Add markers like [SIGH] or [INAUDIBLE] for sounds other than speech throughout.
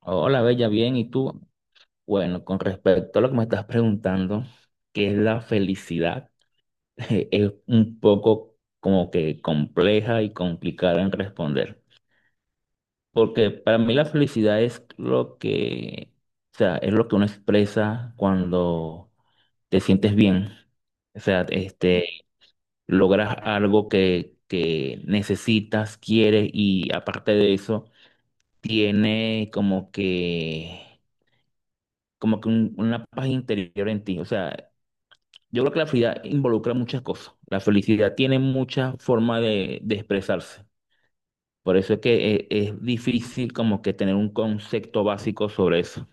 Hola, Bella, bien. ¿Y tú? Bueno, con respecto a lo que me estás preguntando, ¿qué es la felicidad? [LAUGHS] Es un poco como que compleja y complicada en responder, porque para mí la felicidad es o sea, es lo que uno expresa cuando te sientes bien. O sea, logras algo que necesitas, quieres, y aparte de eso, tiene como que una paz interior en ti. O sea, yo creo que la felicidad involucra muchas cosas. La felicidad tiene muchas formas de expresarse. Por eso es que es difícil como que tener un concepto básico sobre eso.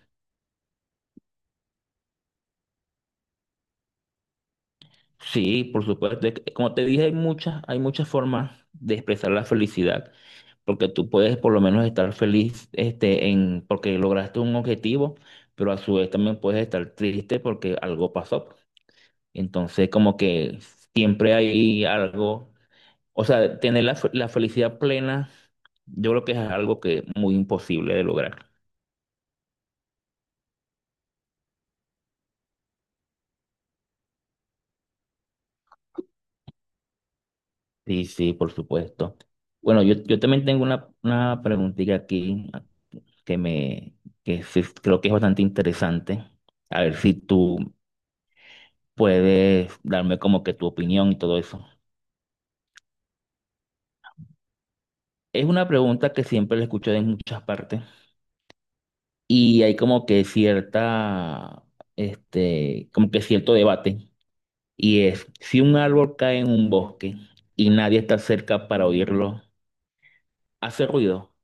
Sí, por supuesto. Como te dije, hay muchas formas de expresar la felicidad. Porque tú puedes por lo menos estar feliz porque lograste un objetivo, pero a su vez también puedes estar triste porque algo pasó. Entonces, como que siempre hay algo. O sea, la felicidad plena, yo creo que es algo que es muy imposible de lograr. Sí, sí, por supuesto. Bueno, yo también tengo una preguntita aquí que me que sí creo que es bastante interesante. A ver si tú puedes darme como que tu opinión y todo eso. Es una pregunta que siempre la escucho de muchas partes y hay como que como que cierto debate. Y es, si un árbol cae en un bosque y nadie está cerca para oírlo, ¿hace ruido?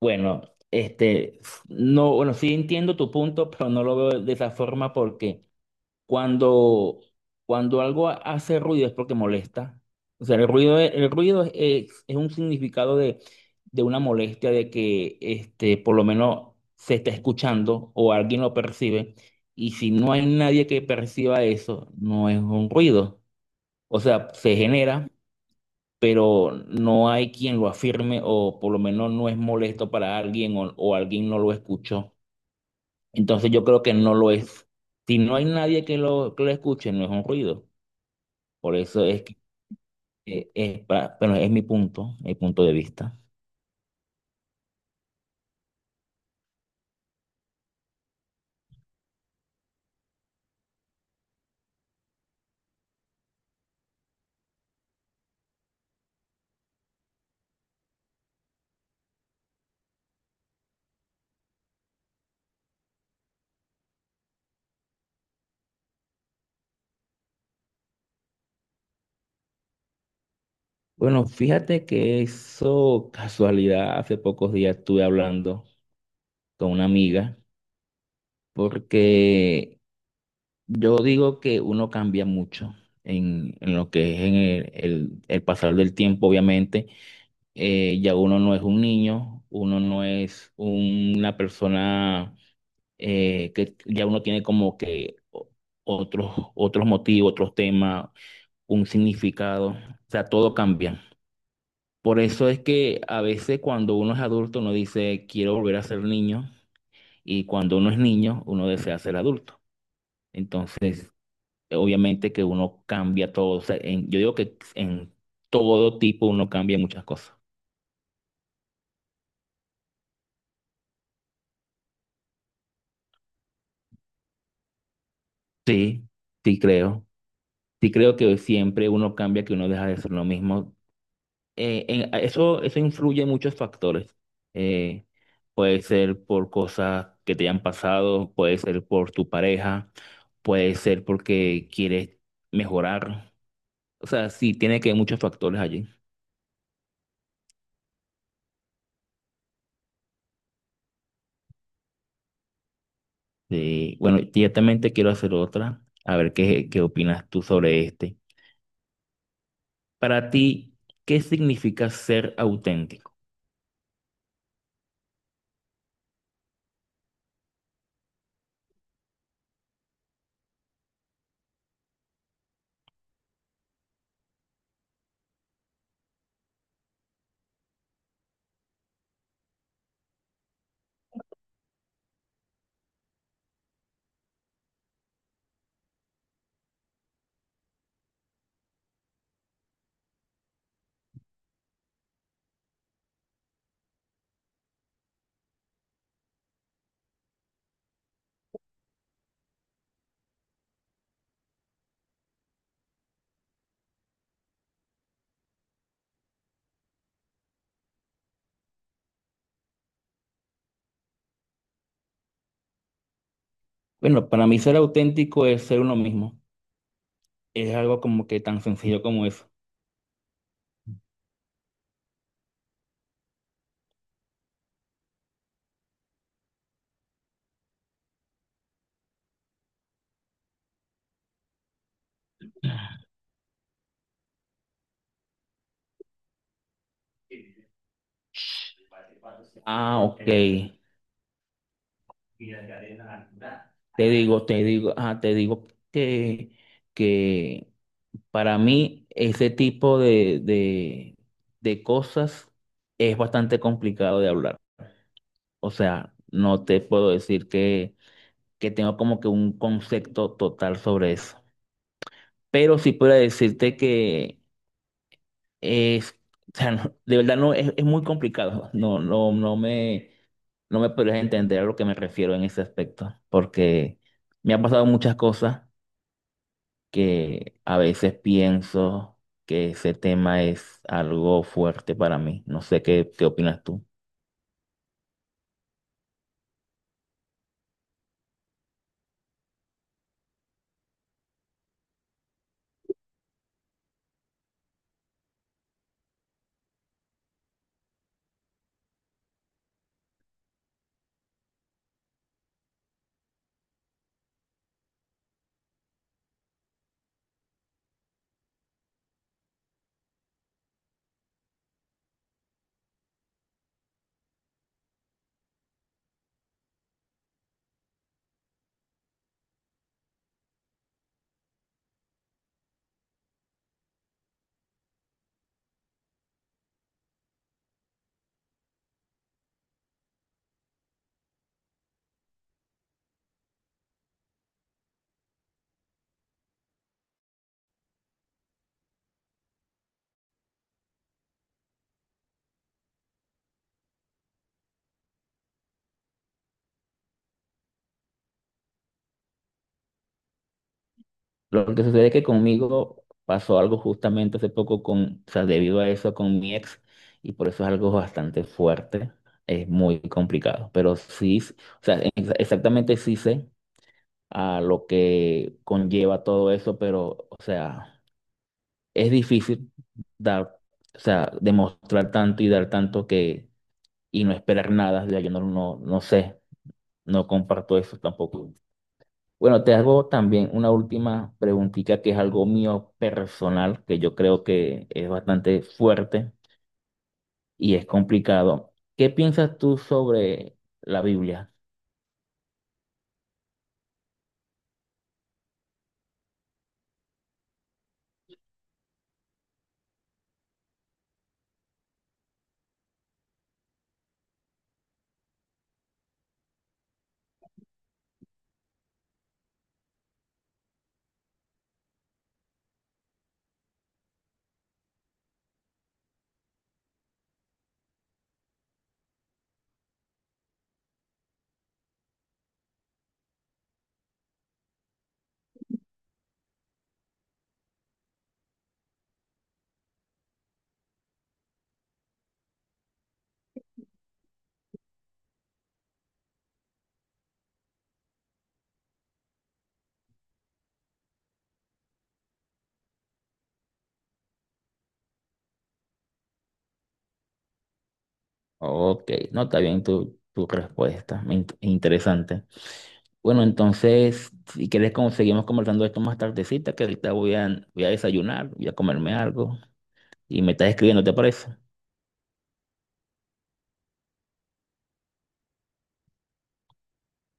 Bueno, este, no, bueno, sí entiendo tu punto, pero no lo veo de esa forma porque cuando, cuando algo hace ruido es porque molesta. O sea, el ruido es un significado de una molestia, de que por lo menos se está escuchando o alguien lo percibe. Y si no hay nadie que perciba eso, no es un ruido. O sea, se genera, pero no hay quien lo afirme, o por lo menos no es molesto para alguien, o alguien no lo escuchó. Entonces yo creo que no lo es. Si no hay nadie que lo escuche, no es un ruido. Por eso es que bueno, es mi punto de vista. Bueno, fíjate que eso, casualidad, hace pocos días estuve hablando con una amiga porque yo digo que uno cambia mucho en lo que es en el pasar del tiempo, obviamente. Ya uno no es un niño, uno no es una persona que ya uno tiene como que otros motivos, otros temas, un significado. O sea, todo cambia. Por eso es que a veces cuando uno es adulto, uno dice, quiero volver a ser niño, y cuando uno es niño, uno desea ser adulto. Entonces... obviamente que uno cambia todo. O sea, yo digo que en todo tipo uno cambia muchas cosas. Sí, sí creo. Sí creo que siempre uno cambia, que uno deja de ser lo mismo. Eso, eso influye en muchos factores. Eh, puede ser por cosas que te hayan pasado, puede ser por tu pareja, puede ser porque quieres mejorar. O sea, sí, tiene que haber muchos factores allí. Sí, bueno, directamente quiero hacer otra, a ver qué opinas tú sobre este. Para ti, ¿qué significa ser auténtico? Bueno, para mí ser auténtico es ser uno mismo. Es algo como que tan sencillo como eso. Ah, ok. Te digo que para mí ese tipo de cosas es bastante complicado de hablar. O sea, no te puedo decir que tengo como que un concepto total sobre eso. Pero sí puedo decirte que es, o sea, de verdad no es, es muy complicado. No me podrías entender a lo que me refiero en ese aspecto, porque me ha pasado muchas cosas que a veces pienso que ese tema es algo fuerte para mí. No sé qué opinas tú. Lo que sucede es que conmigo pasó algo justamente hace poco o sea, debido a eso con mi ex, y por eso es algo bastante fuerte. Es muy complicado, pero sí, o sea, exactamente sí sé a lo que conlleva todo eso, pero, o sea, es difícil dar, o sea, demostrar tanto y dar tanto que, y no esperar nada. Ya yo no sé, no comparto eso tampoco. Bueno, te hago también una última preguntita que es algo mío personal, que yo creo que es bastante fuerte y es complicado. ¿Qué piensas tú sobre la Biblia? Ok, no, está bien tu, tu respuesta, me interesante. Bueno, entonces, si quieres, como seguimos conversando esto más tardecita, que ahorita voy a, voy a desayunar, voy a comerme algo y me estás escribiendo, ¿te parece?